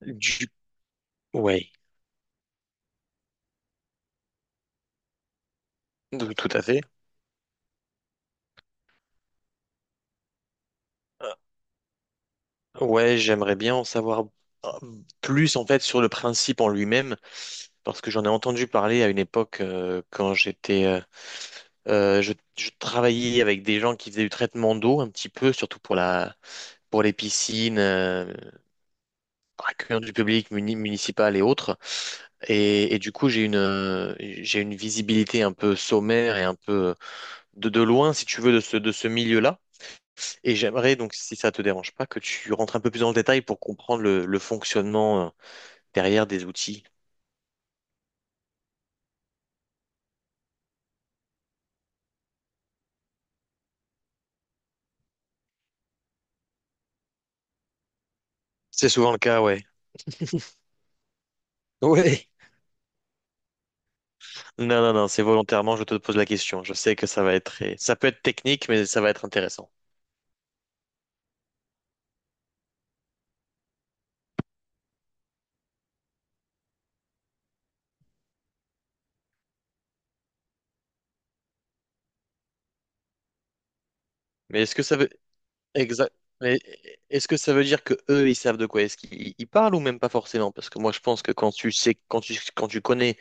Du... Ouais, tout à fait. Euh, Ouais, j'aimerais bien en savoir euh, plus en fait sur le principe en lui-même, parce que j'en ai entendu parler à une époque quand je travaillais avec des gens qui faisaient du traitement d'eau un petit peu, surtout pour les piscines, accueillant du public municipal et autres. Et du coup, j'ai une visibilité un peu sommaire et un peu de loin, si tu veux, de ce milieu-là. Et j'aimerais donc, si ça te dérange pas, que tu rentres un peu plus dans le détail pour comprendre le fonctionnement derrière des outils. C'est souvent le cas, ouais. Oui. Non, non, non, c'est volontairement, je te pose la question. Je sais que ça va être ça peut être technique, mais ça va être intéressant. Mais est-ce que ça veut Exact. Mais est-ce que ça veut dire que eux, ils savent de quoi est-ce qu'ils ils parlent ou même pas forcément? Parce que moi, je pense que quand tu sais, quand tu connais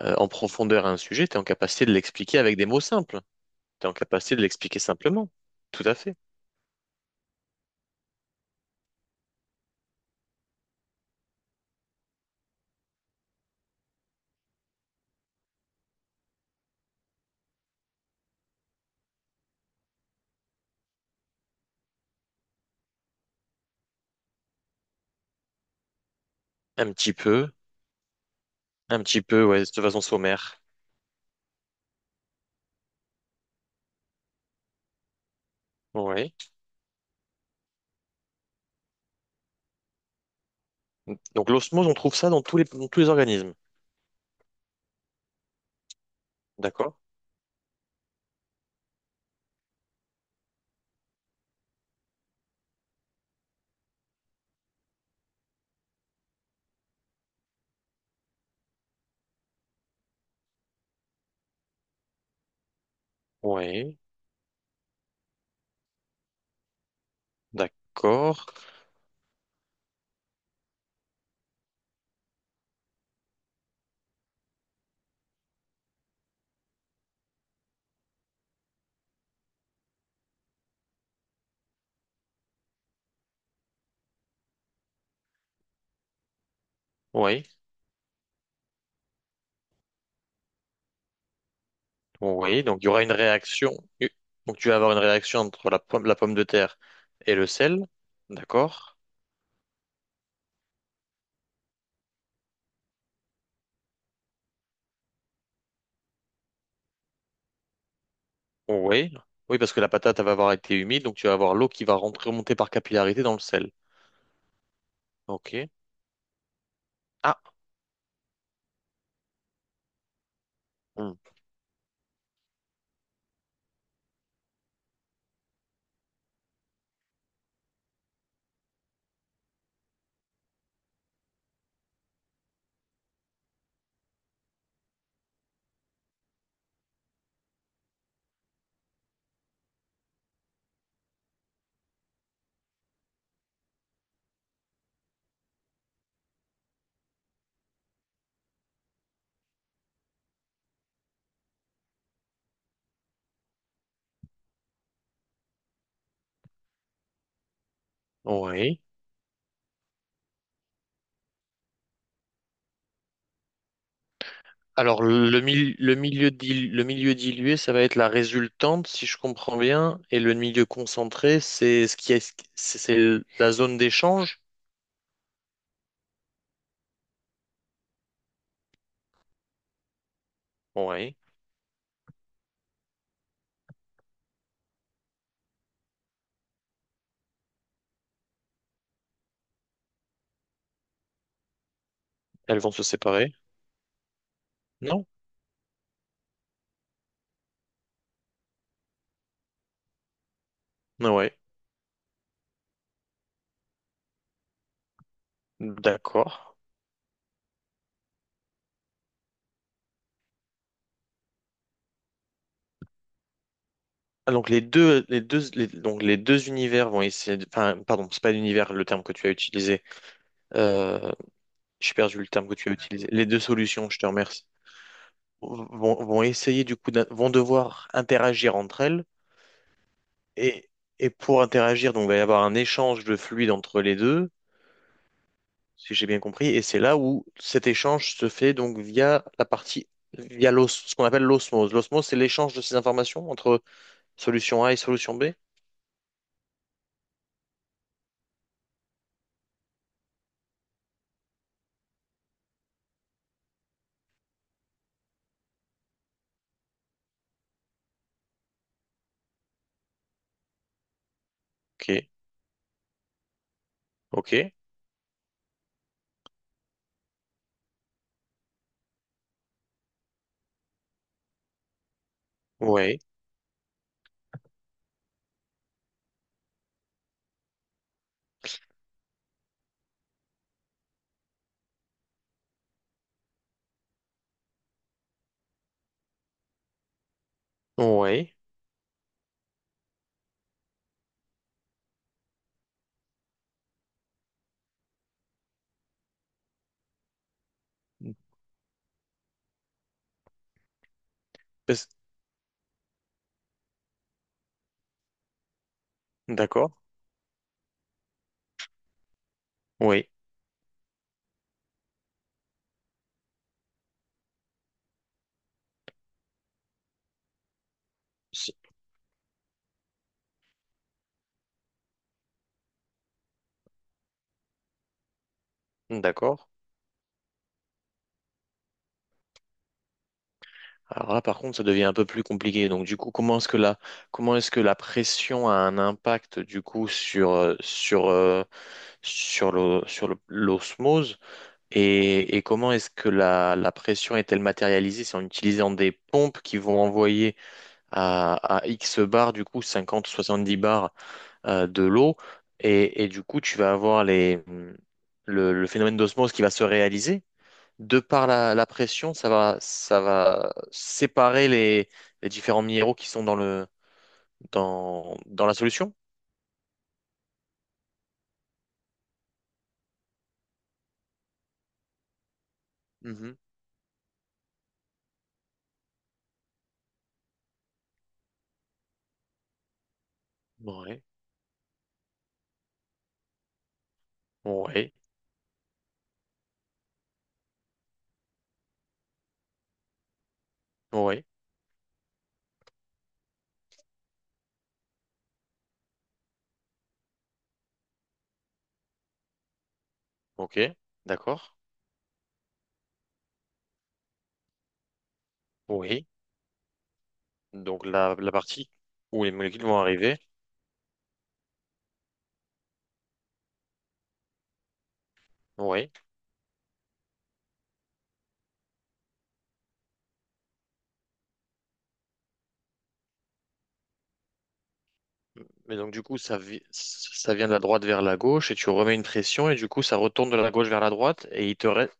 en profondeur un sujet, tu es en capacité de l'expliquer avec des mots simples. Tu es en capacité de l'expliquer simplement. Tout à fait. Un petit peu. Un petit peu, ouais, de façon sommaire. Oui. Donc l'osmose, on trouve ça dans tous les organismes. D'accord? Oui. D'accord. Oui. Oui. Donc il y aura une réaction. Donc tu vas avoir une réaction entre la pomme de terre et le sel. D'accord? Oui. Oui, parce que la patate elle va avoir été humide, donc tu vas avoir l'eau qui va rentrer, remonter par capillarité dans le sel. Ok. Ah. Oui. Alors, le milieu le milieu dilué, ça va être la résultante, si je comprends bien, et le milieu concentré, c'est ce qui est, c'est la zone d'échange. Oui, elles vont se séparer. Non? Ah ouais, d'accord. Ah, donc les deux univers vont essayer enfin, pardon, c'est pas l'univers le terme que tu as utilisé. Euh, j'ai perdu le terme que tu as utilisé. Les deux solutions, je te remercie, vont essayer du coup, vont devoir interagir entre elles. Et, et pour interagir, donc, il va y avoir un échange de fluide entre les deux, si j'ai bien compris, et c'est là où cet échange se fait donc via la partie, via l'os, ce qu'on appelle l'osmose. L'osmose, c'est l'échange de ces informations entre solution A et solution B. Ok, ok, oui, oui. Parce- d'accord, oui. Si. D'accord. Alors là, par contre, ça devient un peu plus compliqué. Donc, du coup, comment est-ce que la pression a un impact, du coup, sur l'osmose? Et comment est-ce que la pression est-elle matérialisée? C'est en utilisant des pompes qui vont envoyer à X bar, du coup, 50, 70 bars de l'eau. Et du coup, tu vas avoir le phénomène d'osmose qui va se réaliser de par la pression, ça va séparer les différents minéraux qui sont dans la solution. Mhm. Ouais, ouais, ouais, ok, d'accord, oui. Donc la partie où les molécules vont arriver, oui. Mais donc du coup, ça vient de la droite vers la gauche et tu remets une pression et du coup, ça retourne de la gauche vers la droite et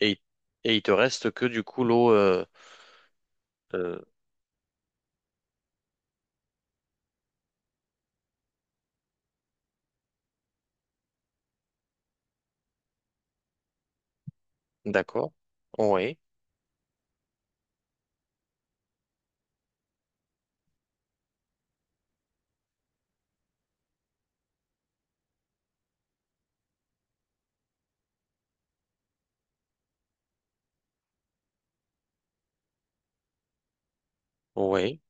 et, et il te reste que du coup l'eau, euh, d'accord, oui, oui,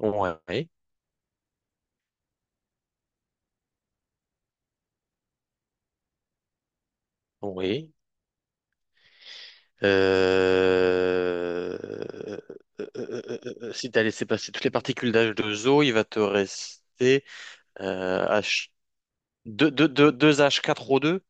oui, oui. Euh, euh, Si tu as laissé passer toutes les particules dh deux o il va te rester H... 2, h 4 o deux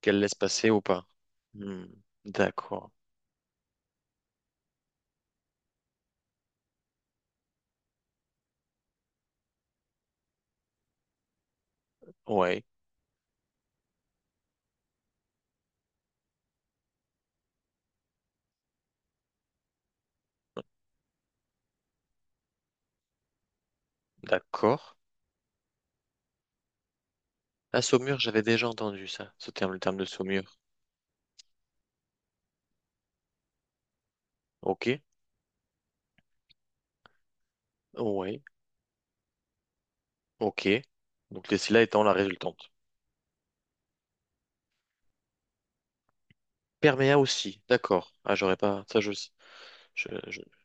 qu'elle laisse passer ou pas. Hmm. D'accord. Ouais, d'accord. La saumure, j'avais déjà entendu ça, ce terme, le terme de saumure. Ok, ouais, ok. Donc les cila étant la résultante. Perméa aussi, d'accord. Ah, j'aurais pas. Je-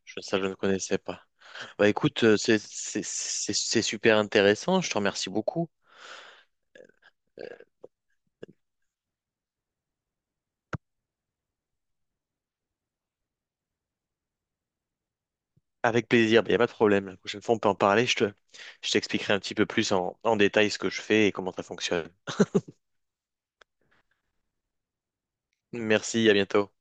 Ça, je ne connaissais pas. Bah écoute, c'est super intéressant, je te remercie beaucoup. Avec plaisir, il n'y a pas de problème. La prochaine fois, on peut en parler, je t'expliquerai un petit peu plus en détail ce que je fais et comment ça fonctionne. Merci, à bientôt.